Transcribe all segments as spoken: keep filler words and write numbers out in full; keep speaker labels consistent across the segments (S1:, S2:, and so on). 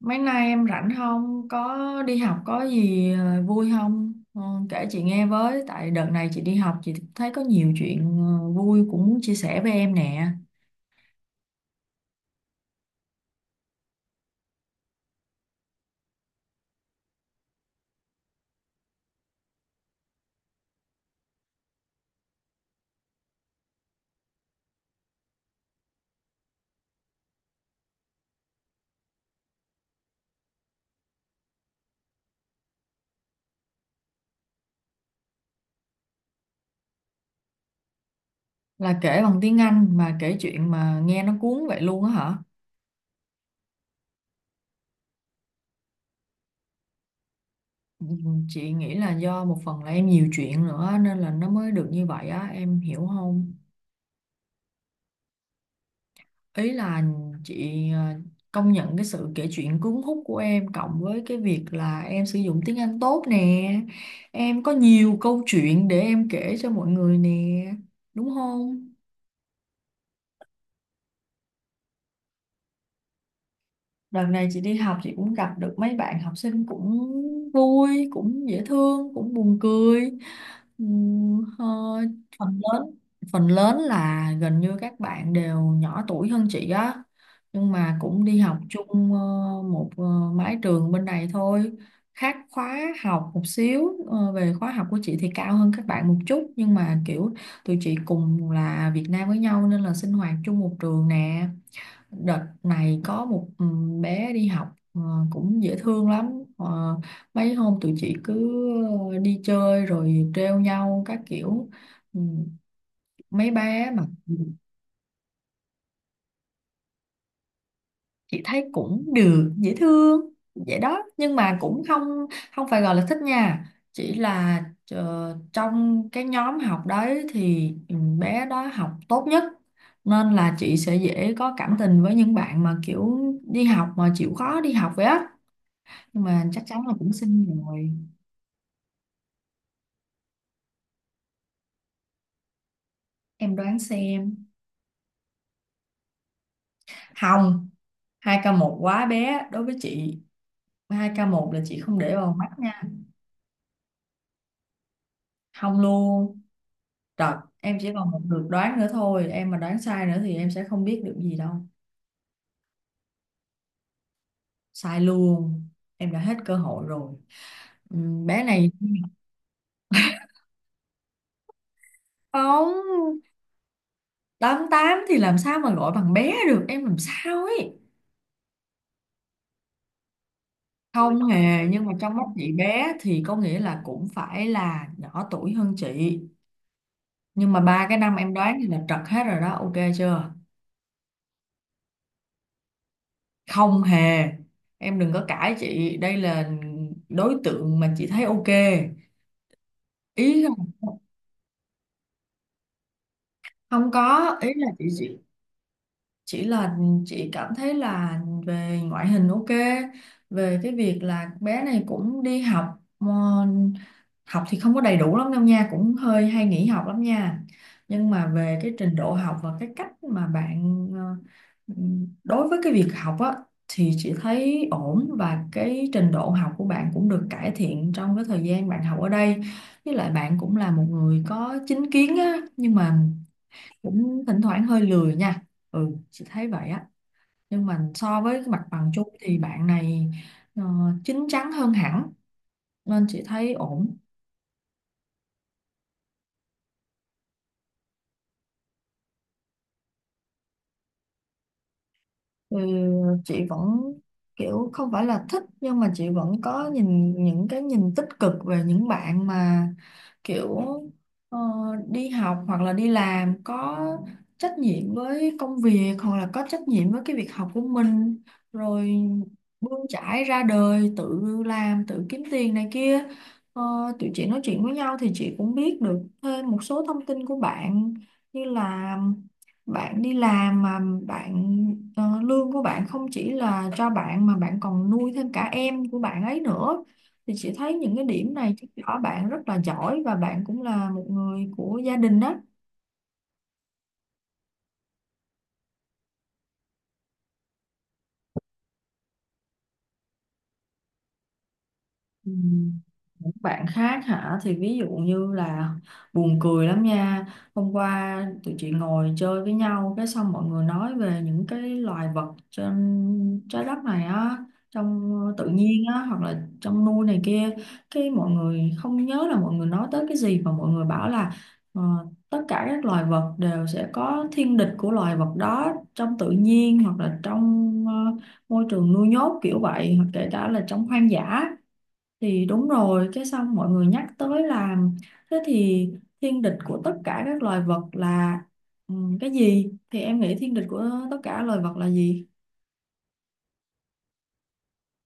S1: Mấy nay em rảnh không? Có đi học có gì ờ, vui không? Ờ, kể chị nghe với, tại đợt này chị đi học chị thấy có nhiều chuyện ờ, vui cũng muốn chia sẻ với em nè. Là kể bằng tiếng Anh mà kể chuyện mà nghe nó cuốn vậy luôn á hả? Ừ, chị nghĩ là do một phần là em nhiều chuyện nữa nên là nó mới được như vậy á, em hiểu không? Ý là chị ờ, công nhận cái sự kể chuyện cuốn hút của em cộng với cái việc là em sử dụng tiếng Anh tốt nè, em có nhiều câu chuyện để em kể cho mọi người nè, đúng không? Đợt này chị đi học chị cũng gặp được mấy bạn học sinh cũng vui, cũng dễ thương, cũng buồn cười. Ừm, ờ, phần lớn phần lớn là gần như các bạn đều nhỏ tuổi hơn chị á. Nhưng mà cũng đi học chung ờ, một ờ, mái trường bên này thôi. Khác khóa học một xíu, ờ, về khóa học của chị thì cao hơn các bạn một chút, nhưng mà kiểu tụi chị cùng là Việt Nam với nhau nên là sinh hoạt chung một trường nè. Đợt này có một ừ, bé đi học ờ, cũng dễ thương lắm. Ờ, mấy hôm tụi chị cứ ờ, đi chơi rồi trêu nhau các kiểu. Ừ, mấy bé mà chị thấy cũng được, dễ thương vậy đó, nhưng mà cũng không, không phải gọi là thích nha. Chỉ là ờ, trong cái nhóm học đấy thì ừ, bé đó học tốt nhất, nên là chị sẽ dễ có cảm tình với những bạn mà kiểu đi học mà chịu khó đi học vậy á, nhưng mà chắc chắn là cũng xinh rồi. Em đoán xem. Hồng, hai k một quá bé đối với chị, hai k một là chị không để vào mắt nha. Không luôn. Rồi, em chỉ còn một lượt đoán nữa thôi, em mà đoán sai nữa thì em sẽ không biết được gì đâu. Sai luôn, em đã hết cơ hội rồi. Ừm, bé này không. Tám tám thì làm sao mà gọi bằng bé được, em làm sao ấy. Không hề, nhưng mà trong mắt chị bé thì có nghĩa là cũng phải là nhỏ tuổi hơn chị, nhưng mà ba cái năm em đoán thì là trật hết rồi đó, ok chưa? Không hề, em đừng có cãi chị, đây là đối tượng mà chị thấy ok. Ý không, không có ý là chị chị chỉ là chị cảm thấy là về ngoại hình ok, về cái việc là bé này cũng đi học. ờ, học thì không có đầy đủ lắm đâu nha, cũng hơi hay nghỉ học lắm nha. Nhưng mà về cái trình độ học và cái cách mà bạn ờ, đối với cái việc học á, thì chị thấy ổn, và cái trình độ học của bạn cũng được cải thiện trong cái thời gian bạn học ở đây. Với lại bạn cũng là một người có chính kiến á, nhưng mà cũng thỉnh thoảng hơi lười nha, ừ, chị thấy vậy á. Nhưng mà so với cái mặt bằng chung thì bạn này ờ, chín chắn hơn hẳn, nên chị thấy ổn. Ừ, chị vẫn kiểu không phải là thích, nhưng mà chị vẫn có nhìn những cái nhìn tích cực về những bạn mà kiểu ờ, đi học hoặc là đi làm có trách nhiệm với công việc, hoặc là có trách nhiệm với cái việc học của mình, rồi bươn chải ra đời tự làm tự kiếm tiền này kia. Ờ, tụi chị nói chuyện với nhau thì chị cũng biết được thêm một số thông tin của bạn, như là bạn đi làm mà bạn ờ, lương của bạn không chỉ là cho bạn mà bạn còn nuôi thêm cả em của bạn ấy nữa, thì chị thấy những cái điểm này chứng tỏ bạn rất là giỏi, và bạn cũng là một người của gia đình đó. Ừ. Những bạn khác hả, thì ví dụ như là buồn cười lắm nha. Hôm qua tụi chị ngồi chơi với nhau, cái xong mọi người nói về những cái loài vật trên trái đất này á, trong tự nhiên á hoặc là trong nuôi này kia. Cái mọi người không nhớ là mọi người nói tới cái gì, mà mọi người bảo là ờ, tất cả các loài vật đều sẽ có thiên địch của loài vật đó, trong tự nhiên hoặc là trong ờ, môi trường nuôi nhốt kiểu vậy, hoặc kể cả là trong hoang dã. Thì đúng rồi, cái xong mọi người nhắc tới là thế thì thiên địch của tất cả các loài vật là ừ, cái gì? Thì em nghĩ thiên địch của tất cả loài vật là gì?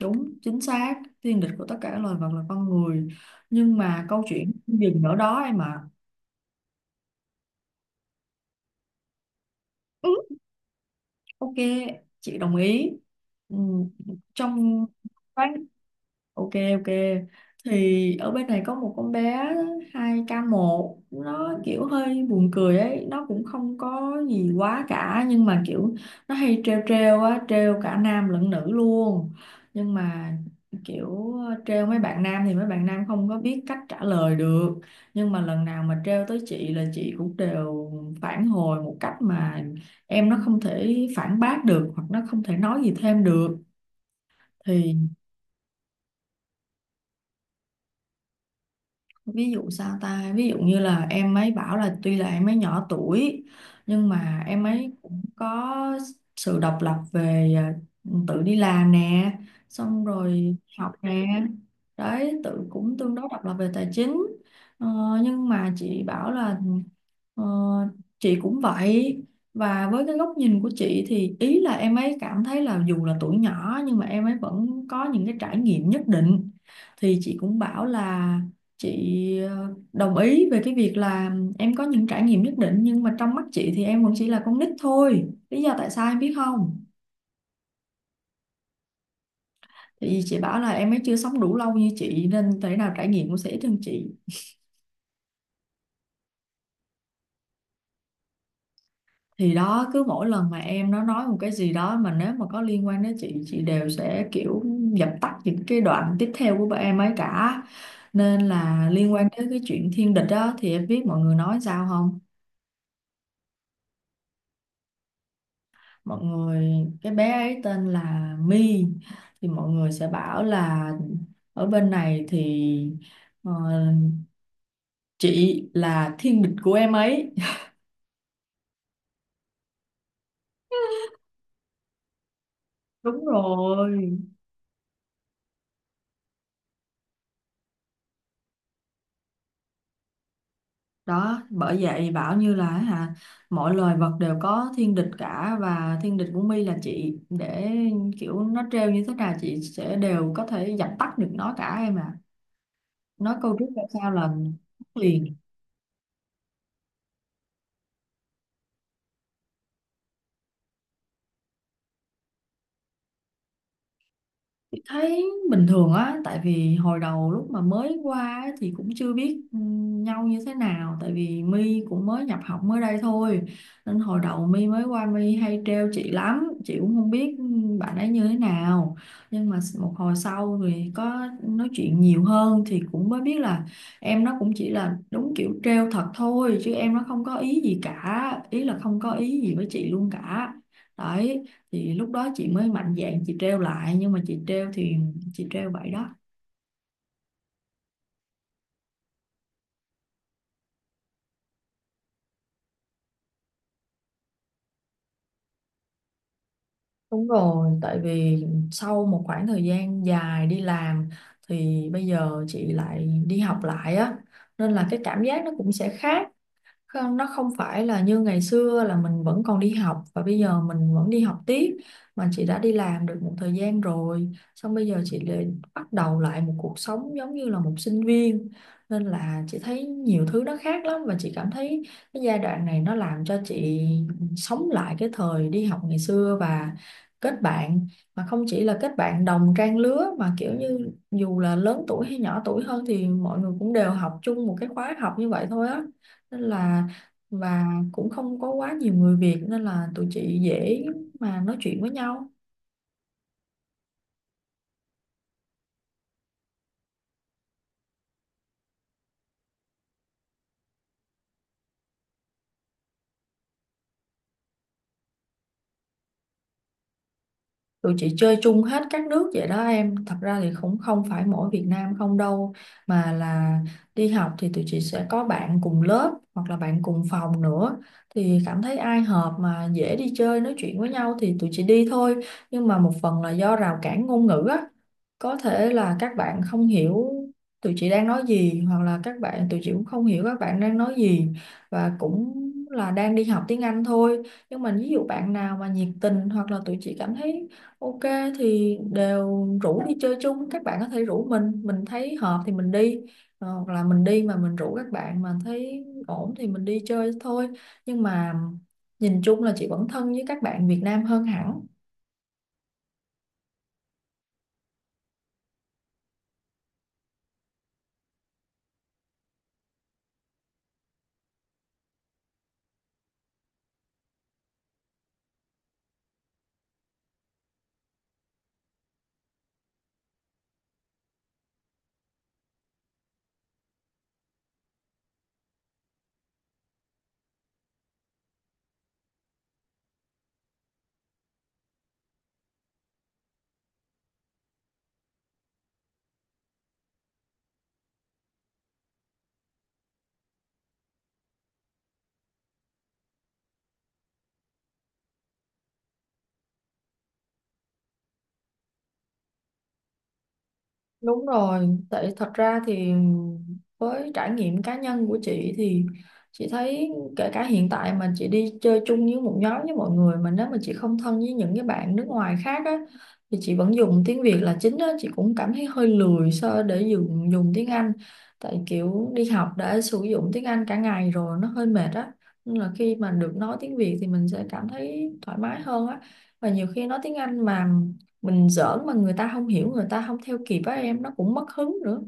S1: Đúng, chính xác, thiên địch của tất cả loài vật là con người. Nhưng mà câu chuyện không dừng ở đó em ạ. Ừ, ok, chị đồng ý. Ừ, trong ok ok, thì ở bên này có một con bé hai k một, nó kiểu hơi buồn cười ấy, nó cũng không có gì quá cả nhưng mà kiểu nó hay trêu trêu á, trêu cả nam lẫn nữ luôn. Nhưng mà kiểu ờ, trêu mấy bạn nam thì mấy bạn nam không có biết cách trả lời được, nhưng mà lần nào mà trêu tới chị là chị cũng đều phản hồi một cách mà em nó không thể phản bác được, hoặc nó không thể nói gì thêm được. Thì ví dụ sao ta, ví dụ như là em ấy bảo là tuy là em ấy nhỏ tuổi nhưng mà em ấy cũng có sự độc lập về à, tự đi làm nè, xong rồi học nè đấy, tự cũng tương đối độc lập về tài chính. ờ, nhưng mà chị bảo là ờ, chị cũng vậy, và với cái góc nhìn của chị thì ý là em ấy cảm thấy là dù là tuổi nhỏ nhưng mà em ấy vẫn có những cái trải nghiệm nhất định. Thì chị cũng bảo là chị ờ, đồng ý về cái việc là em có những trải nghiệm nhất định, nhưng mà trong mắt chị thì em vẫn chỉ là con nít thôi, lý do tại sao em biết không? Thì chị bảo là em ấy chưa sống đủ lâu như chị, nên thể nào trải nghiệm cũng sẽ ít hơn chị. Thì đó, cứ mỗi lần mà em nó nói một cái gì đó mà nếu mà có liên quan đến chị chị đều sẽ kiểu dập tắt những cái đoạn tiếp theo của bọn em ấy cả. Nên là liên quan tới cái chuyện thiên địch đó, thì em biết mọi người nói sao không? Mọi người, cái bé ấy tên là My, thì mọi người sẽ bảo là ở bên này thì ờ, chị là thiên địch của em ấy. Đúng rồi, đó bởi vậy bảo như là hả, mọi loài vật đều có thiên địch cả, và thiên địch của My là chị. Để kiểu nó trêu như thế nào chị sẽ đều có thể dập tắt được nó cả em à, nói câu trước ra sao là liền. Chị thấy bình thường á, tại vì hồi đầu lúc mà mới qua á, thì cũng chưa biết ừ, nhau như thế nào, tại vì My cũng mới nhập học mới đây thôi, nên hồi đầu My mới qua, My hay trêu chị lắm, chị cũng không biết ừ, bạn ấy như thế nào. Nhưng mà một hồi sau thì có nói chuyện nhiều hơn thì cũng mới biết là em nó cũng chỉ là đúng kiểu trêu thật thôi, chứ em nó không có ý gì cả, ý là không có ý gì với chị luôn cả, đấy. Thì lúc đó chị mới mạnh dạn chị treo lại, nhưng mà chị treo thì chị treo vậy đó. Đúng rồi, tại vì sau một khoảng thời gian dài đi làm thì bây giờ chị lại đi học lại á, nên là cái cảm giác nó cũng sẽ khác. Không, nó không phải là như ngày xưa là mình vẫn còn đi học và bây giờ mình vẫn đi học tiếp, mà chị đã đi làm được một thời gian rồi, xong bây giờ chị lại bắt đầu lại một cuộc sống giống như là một sinh viên, nên là chị thấy nhiều thứ nó khác lắm. Và chị cảm thấy cái giai đoạn này nó làm cho chị sống lại cái thời đi học ngày xưa và kết bạn, mà không chỉ là kết bạn đồng trang lứa mà kiểu như dù là lớn tuổi hay nhỏ tuổi hơn thì mọi người cũng đều học chung một cái khóa học như vậy thôi á. Nên là và cũng không có quá nhiều người Việt nên là tụi chị dễ mà nói chuyện với nhau. Tụi chị chơi chung hết các nước vậy đó em, thật ra thì cũng không phải mỗi Việt Nam không đâu, mà là đi học thì tụi chị sẽ có bạn cùng lớp hoặc là bạn cùng phòng nữa, thì cảm thấy ai hợp mà dễ đi chơi nói chuyện với nhau thì tụi chị đi thôi. Nhưng mà một phần là do rào cản ngôn ngữ á, có thể là các bạn không hiểu tụi chị đang nói gì, hoặc là các bạn tụi chị cũng không hiểu các bạn đang nói gì, và cũng là đang đi học tiếng Anh thôi. Nhưng mà ví dụ bạn nào mà nhiệt tình hoặc là tụi chị cảm thấy Ok thì đều rủ đi chơi chung, các bạn có thể rủ mình mình thấy hợp thì mình đi. Ờ, hoặc là mình đi mà mình rủ các bạn mà thấy ổn thì mình đi chơi thôi. Nhưng mà nhìn chung là chị vẫn thân với các bạn Việt Nam hơn hẳn. Đúng rồi, tại thật ra thì với trải nghiệm cá nhân của chị thì chị thấy kể cả hiện tại mà chị đi chơi chung với một nhóm với mọi người, mà nếu mà chị không thân với những cái bạn nước ngoài khác á thì chị vẫn dùng tiếng Việt là chính á. Chị cũng cảm thấy hơi lười so để dùng dùng tiếng Anh, tại kiểu đi học đã sử dụng tiếng Anh cả ngày rồi nó hơi mệt á, nên là khi mà được nói tiếng Việt thì mình sẽ cảm thấy thoải mái hơn á. Và nhiều khi nói tiếng Anh mà mình giỡn mà người ta không hiểu, người ta không theo kịp á em, nó cũng mất hứng nữa.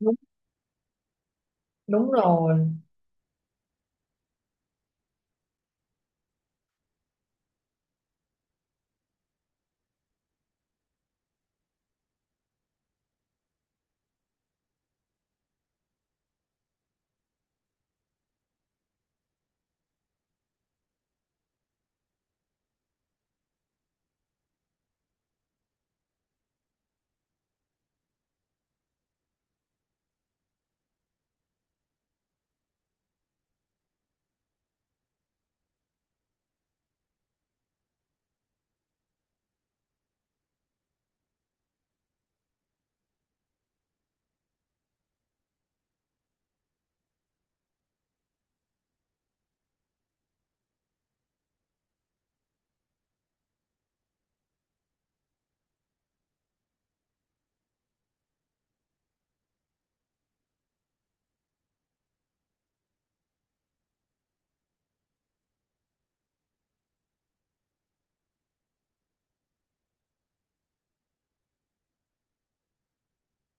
S1: Đúng, đúng rồi.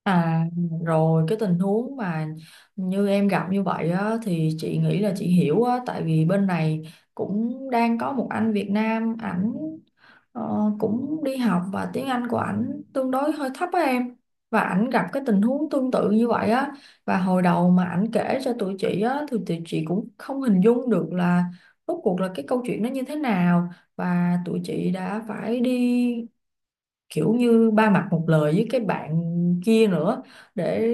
S1: À, rồi cái tình huống mà như em gặp như vậy á, thì chị nghĩ là chị hiểu á, tại vì bên này cũng đang có một anh Việt Nam, ảnh ờ, cũng đi học và tiếng Anh của ảnh tương đối hơi thấp á em. Và ảnh gặp cái tình huống tương tự như vậy á, và hồi đầu mà ảnh kể cho tụi chị á thì tụi chị cũng không hình dung được là rốt cuộc là cái câu chuyện nó như thế nào, và tụi chị đã phải đi kiểu như ba mặt một lời với cái bạn kia nữa, để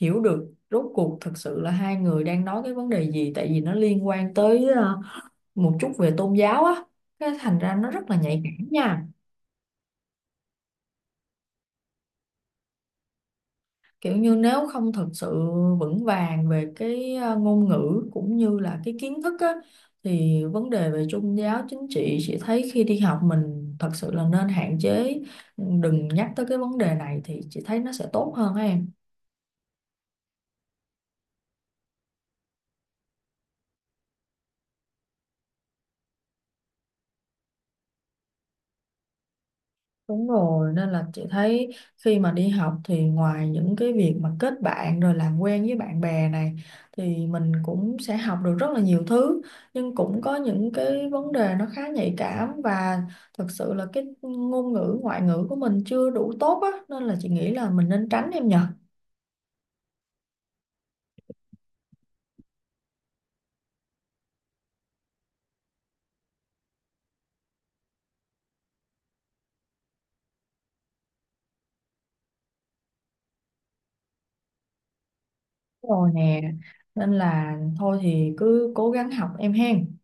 S1: hiểu được rốt cuộc thực sự là hai người đang nói cái vấn đề gì. Tại vì nó liên quan tới ờ, một chút về tôn giáo á, cái thành ra nó rất là nhạy cảm nha. Kiểu như nếu không thực sự vững vàng về cái ờ, ngôn ngữ cũng như là cái kiến thức á, thì vấn đề về tôn giáo chính trị chị thấy khi đi học mình thật sự là nên hạn chế. Ừ, đừng nhắc tới cái vấn đề này thì chị thấy nó sẽ tốt hơn á em. Đúng rồi, nên là chị thấy khi mà đi học thì ngoài những cái việc mà kết bạn rồi làm quen với bạn bè này, thì mình cũng sẽ học được rất là nhiều thứ, nhưng cũng có những cái vấn đề nó khá nhạy cảm và thật sự là cái ngôn ngữ ngoại ngữ của mình chưa đủ tốt á, nên là chị nghĩ là mình nên tránh em nhờ. Rồi nè, nên là thôi thì cứ cố gắng học em hen.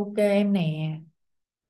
S1: Ok em nè.